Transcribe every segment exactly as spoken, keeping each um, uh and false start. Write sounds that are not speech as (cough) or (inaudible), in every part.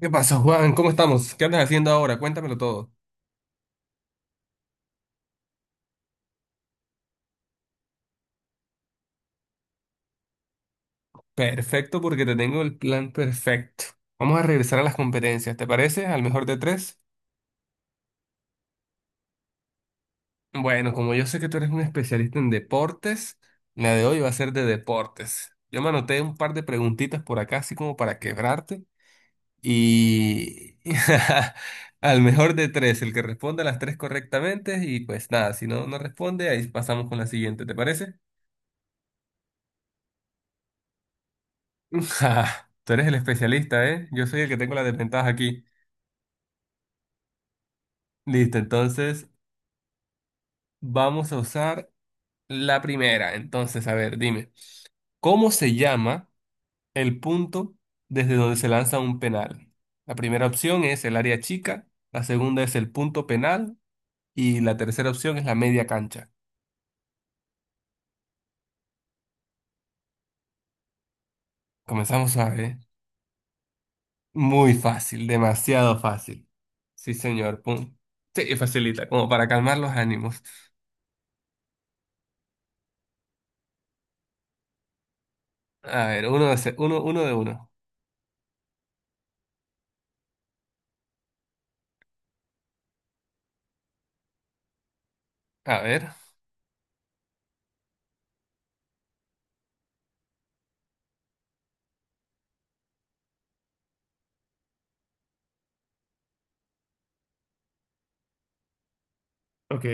¿Qué pasa, Juan? ¿Cómo estamos? ¿Qué andas haciendo ahora? Cuéntamelo todo. Perfecto, porque te tengo el plan perfecto. Vamos a regresar a las competencias, ¿te parece? Al mejor de tres. Bueno, como yo sé que tú eres un especialista en deportes, la de hoy va a ser de deportes. Yo me anoté un par de preguntitas por acá, así como para quebrarte. Y (laughs) al mejor de tres, el que responda las tres correctamente. Y pues nada, si no, no responde, ahí pasamos con la siguiente, ¿te parece? (laughs) Ja, Tú eres el especialista, ¿eh? Yo soy el que tengo la desventaja aquí. Listo, entonces vamos a usar la primera. Entonces, a ver, dime, ¿cómo se llama el punto desde donde se lanza un penal? La primera opción es el área chica, la segunda es el punto penal y la tercera opción es la media cancha. Comenzamos a ver. Muy fácil, demasiado fácil. Sí, señor. pum. Sí, facilita, como para calmar los ánimos. A ver, uno de, uno, uno de uno. A ver. Ok.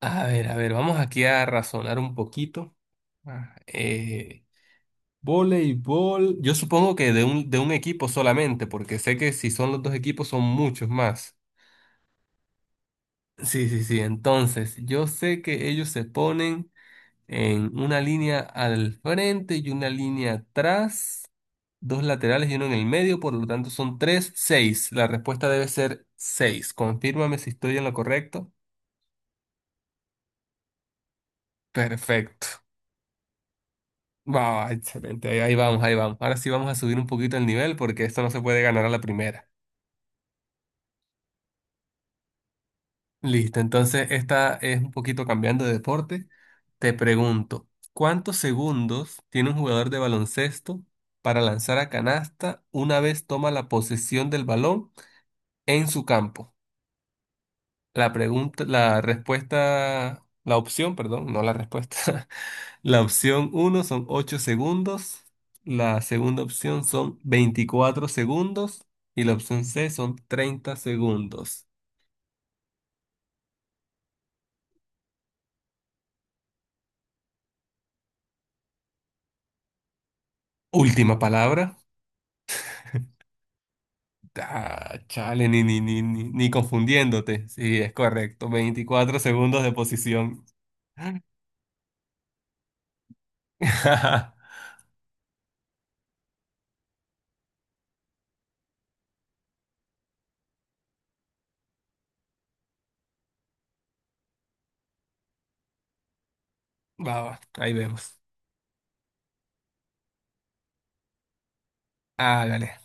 A ver, a ver, vamos aquí a razonar un poquito. Ah, Eh, voleibol, yo supongo que de un, de un equipo solamente, porque sé que si son los dos equipos son muchos más. Sí, sí, sí, entonces yo sé que ellos se ponen en una línea al frente y una línea atrás, dos laterales y uno en el medio, por lo tanto son tres, seis. La respuesta debe ser seis. Confírmame si estoy en lo correcto. Perfecto. Wow, excelente. Ahí, ahí vamos, ahí vamos. Ahora sí vamos a subir un poquito el nivel porque esto no se puede ganar a la primera. Listo, entonces esta es un poquito cambiando de deporte. Te pregunto, ¿cuántos segundos tiene un jugador de baloncesto para lanzar a canasta una vez toma la posesión del balón en su campo? La pregunta, la respuesta, la opción, perdón, no la respuesta. (laughs) La opción uno son ocho segundos, la segunda opción son veinticuatro segundos y la opción C son treinta segundos. Última palabra. Ah, chale, ni, ni, ni, ni, ni confundiéndote. Sí, es correcto. veinticuatro segundos de posición. (laughs) Va, va, ahí vemos. Hágale.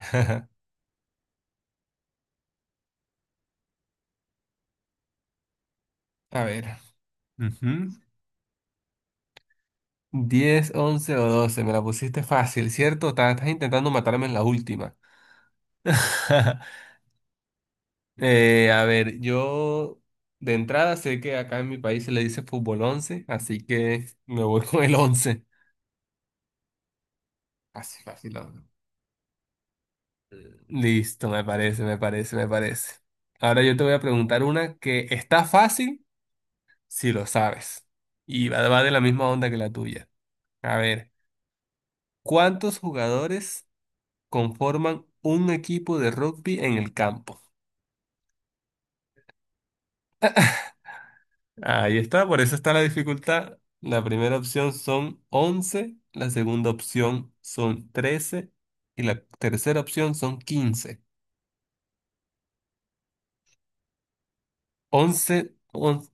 (laughs) A ver. Ujú. diez, once o doce. Me la pusiste fácil, ¿cierto? Estás, estás intentando matarme en la última. (laughs) Eh, a ver, yo de entrada sé que acá en mi país se le dice fútbol once, así que me voy (laughs) con el once. Así, fácil, ¿no? Listo, me parece, me parece, me parece. Ahora yo te voy a preguntar una que está fácil si lo sabes. Y va va de la misma onda que la tuya. A ver, ¿cuántos jugadores conforman un equipo de rugby en el campo? Ahí está, por eso está la dificultad. La primera opción son once, la segunda opción son trece y la tercera opción son quince. Once, once,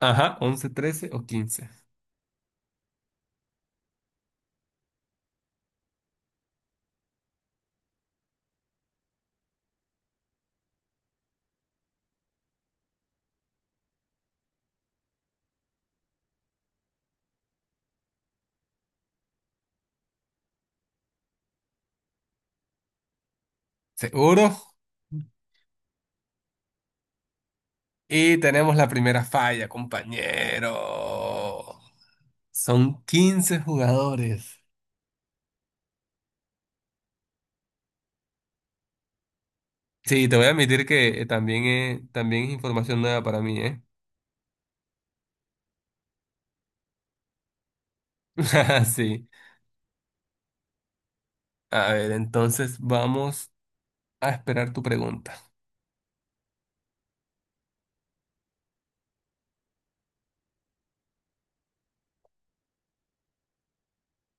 ajá, once, trece o quince. ¿Seguro? Y tenemos la primera falla, compañero. Son quince jugadores. Sí, te voy a admitir que eh, también, eh, también es información nueva para mí, ¿eh? (laughs) Sí. A ver, entonces vamos a esperar tu pregunta.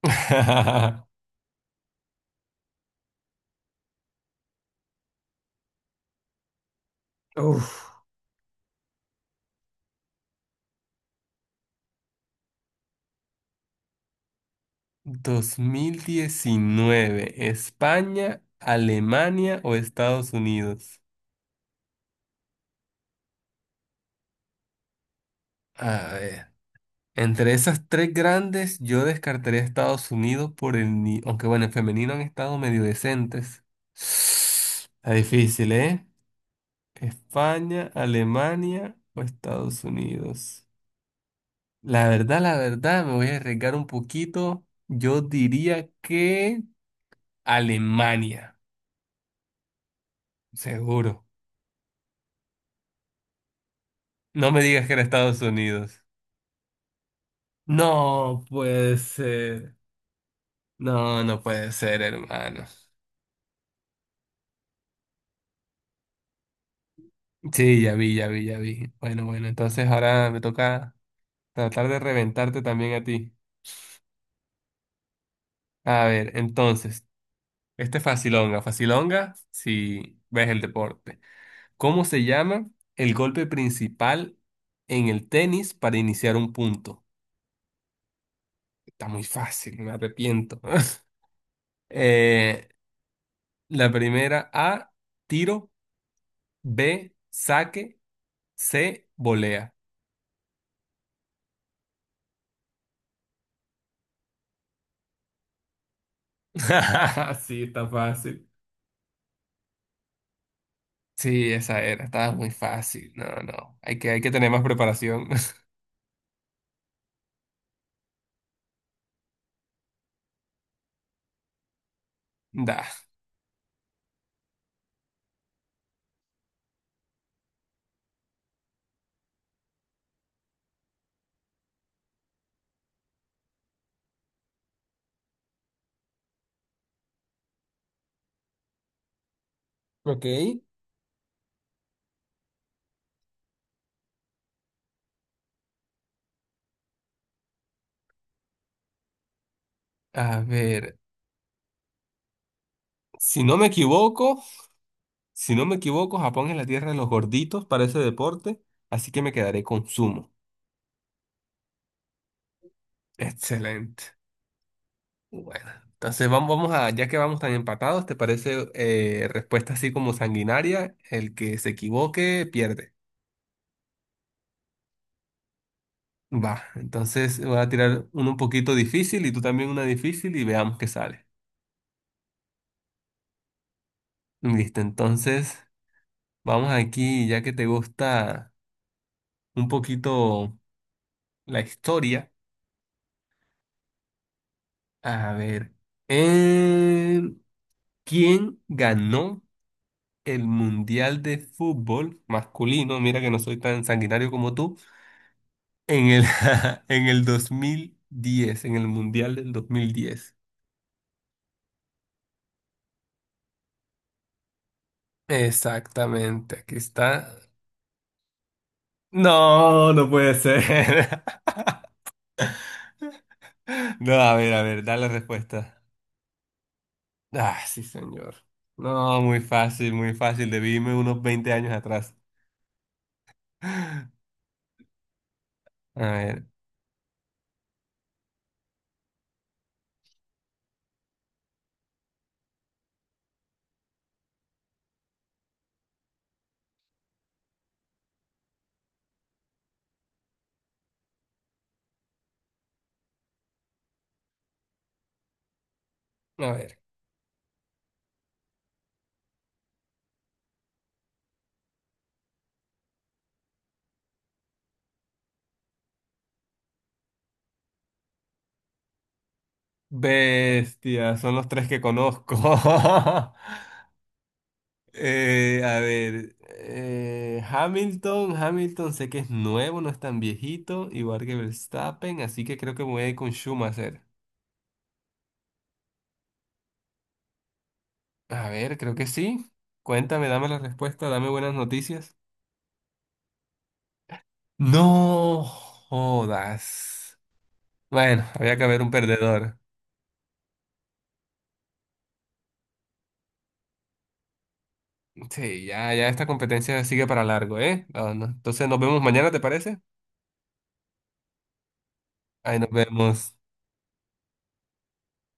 (laughs) Uf, dos mil diecinueve, España, Alemania o Estados Unidos. A ver, entre esas tres grandes, yo descartaría a Estados Unidos por el... ni- Aunque bueno, en femenino han estado medio decentes. Está difícil, ¿eh? España, Alemania o Estados Unidos. La verdad, la verdad, me voy a arriesgar un poquito. Yo diría que Alemania, seguro. No me digas que era Estados Unidos. No puede ser. No, no puede ser, hermano. Sí, ya vi, ya vi, ya vi. Bueno, bueno, entonces ahora me toca tratar de reventarte también a ti. A ver, entonces, este es facilonga. Facilonga, si ves el deporte. ¿Cómo se llama el golpe principal en el tenis para iniciar un punto? Está muy fácil, me arrepiento. (laughs) Eh, la primera A, tiro. B, saque, C, volea. (laughs) Sí, está fácil. Sí, esa era, estaba muy fácil. No, no, hay que, hay que tener más preparación. (laughs) Da. Ok. A ver, si no me equivoco, si no me equivoco, Japón es la tierra de los gorditos para ese deporte, así que me quedaré con sumo. Excelente. Bueno, entonces vamos, vamos a, ya que vamos tan empatados, ¿te parece eh, respuesta así como sanguinaria? El que se equivoque pierde. Va, entonces voy a tirar uno un poquito difícil y tú también una difícil y veamos qué sale. Listo, entonces vamos aquí, ya que te gusta un poquito la historia. A ver, eh, ¿quién ganó el Mundial de Fútbol masculino? Mira que no soy tan sanguinario como tú. En el, (laughs) en el dos mil diez, en el Mundial del dos mil diez. Exactamente, aquí está. No, no puede ser. (laughs) No, a ver, a ver, da la respuesta. Ah, sí, señor. No, muy fácil, muy fácil. Debí irme unos veinte años atrás. A ver, a ver. Bestia, son los tres que conozco. (laughs) Eh, a ver, eh, Hamilton, Hamilton sé que es nuevo, no es tan viejito, igual que Verstappen, así que creo que me voy a ir con Schumacher. A ver, creo que sí. Cuéntame, dame la respuesta, dame buenas noticias. No jodas. Bueno, había que haber un perdedor. Sí, ya, ya esta competencia sigue para largo, ¿eh? No, no. Entonces nos vemos mañana, ¿te parece? Ahí nos vemos.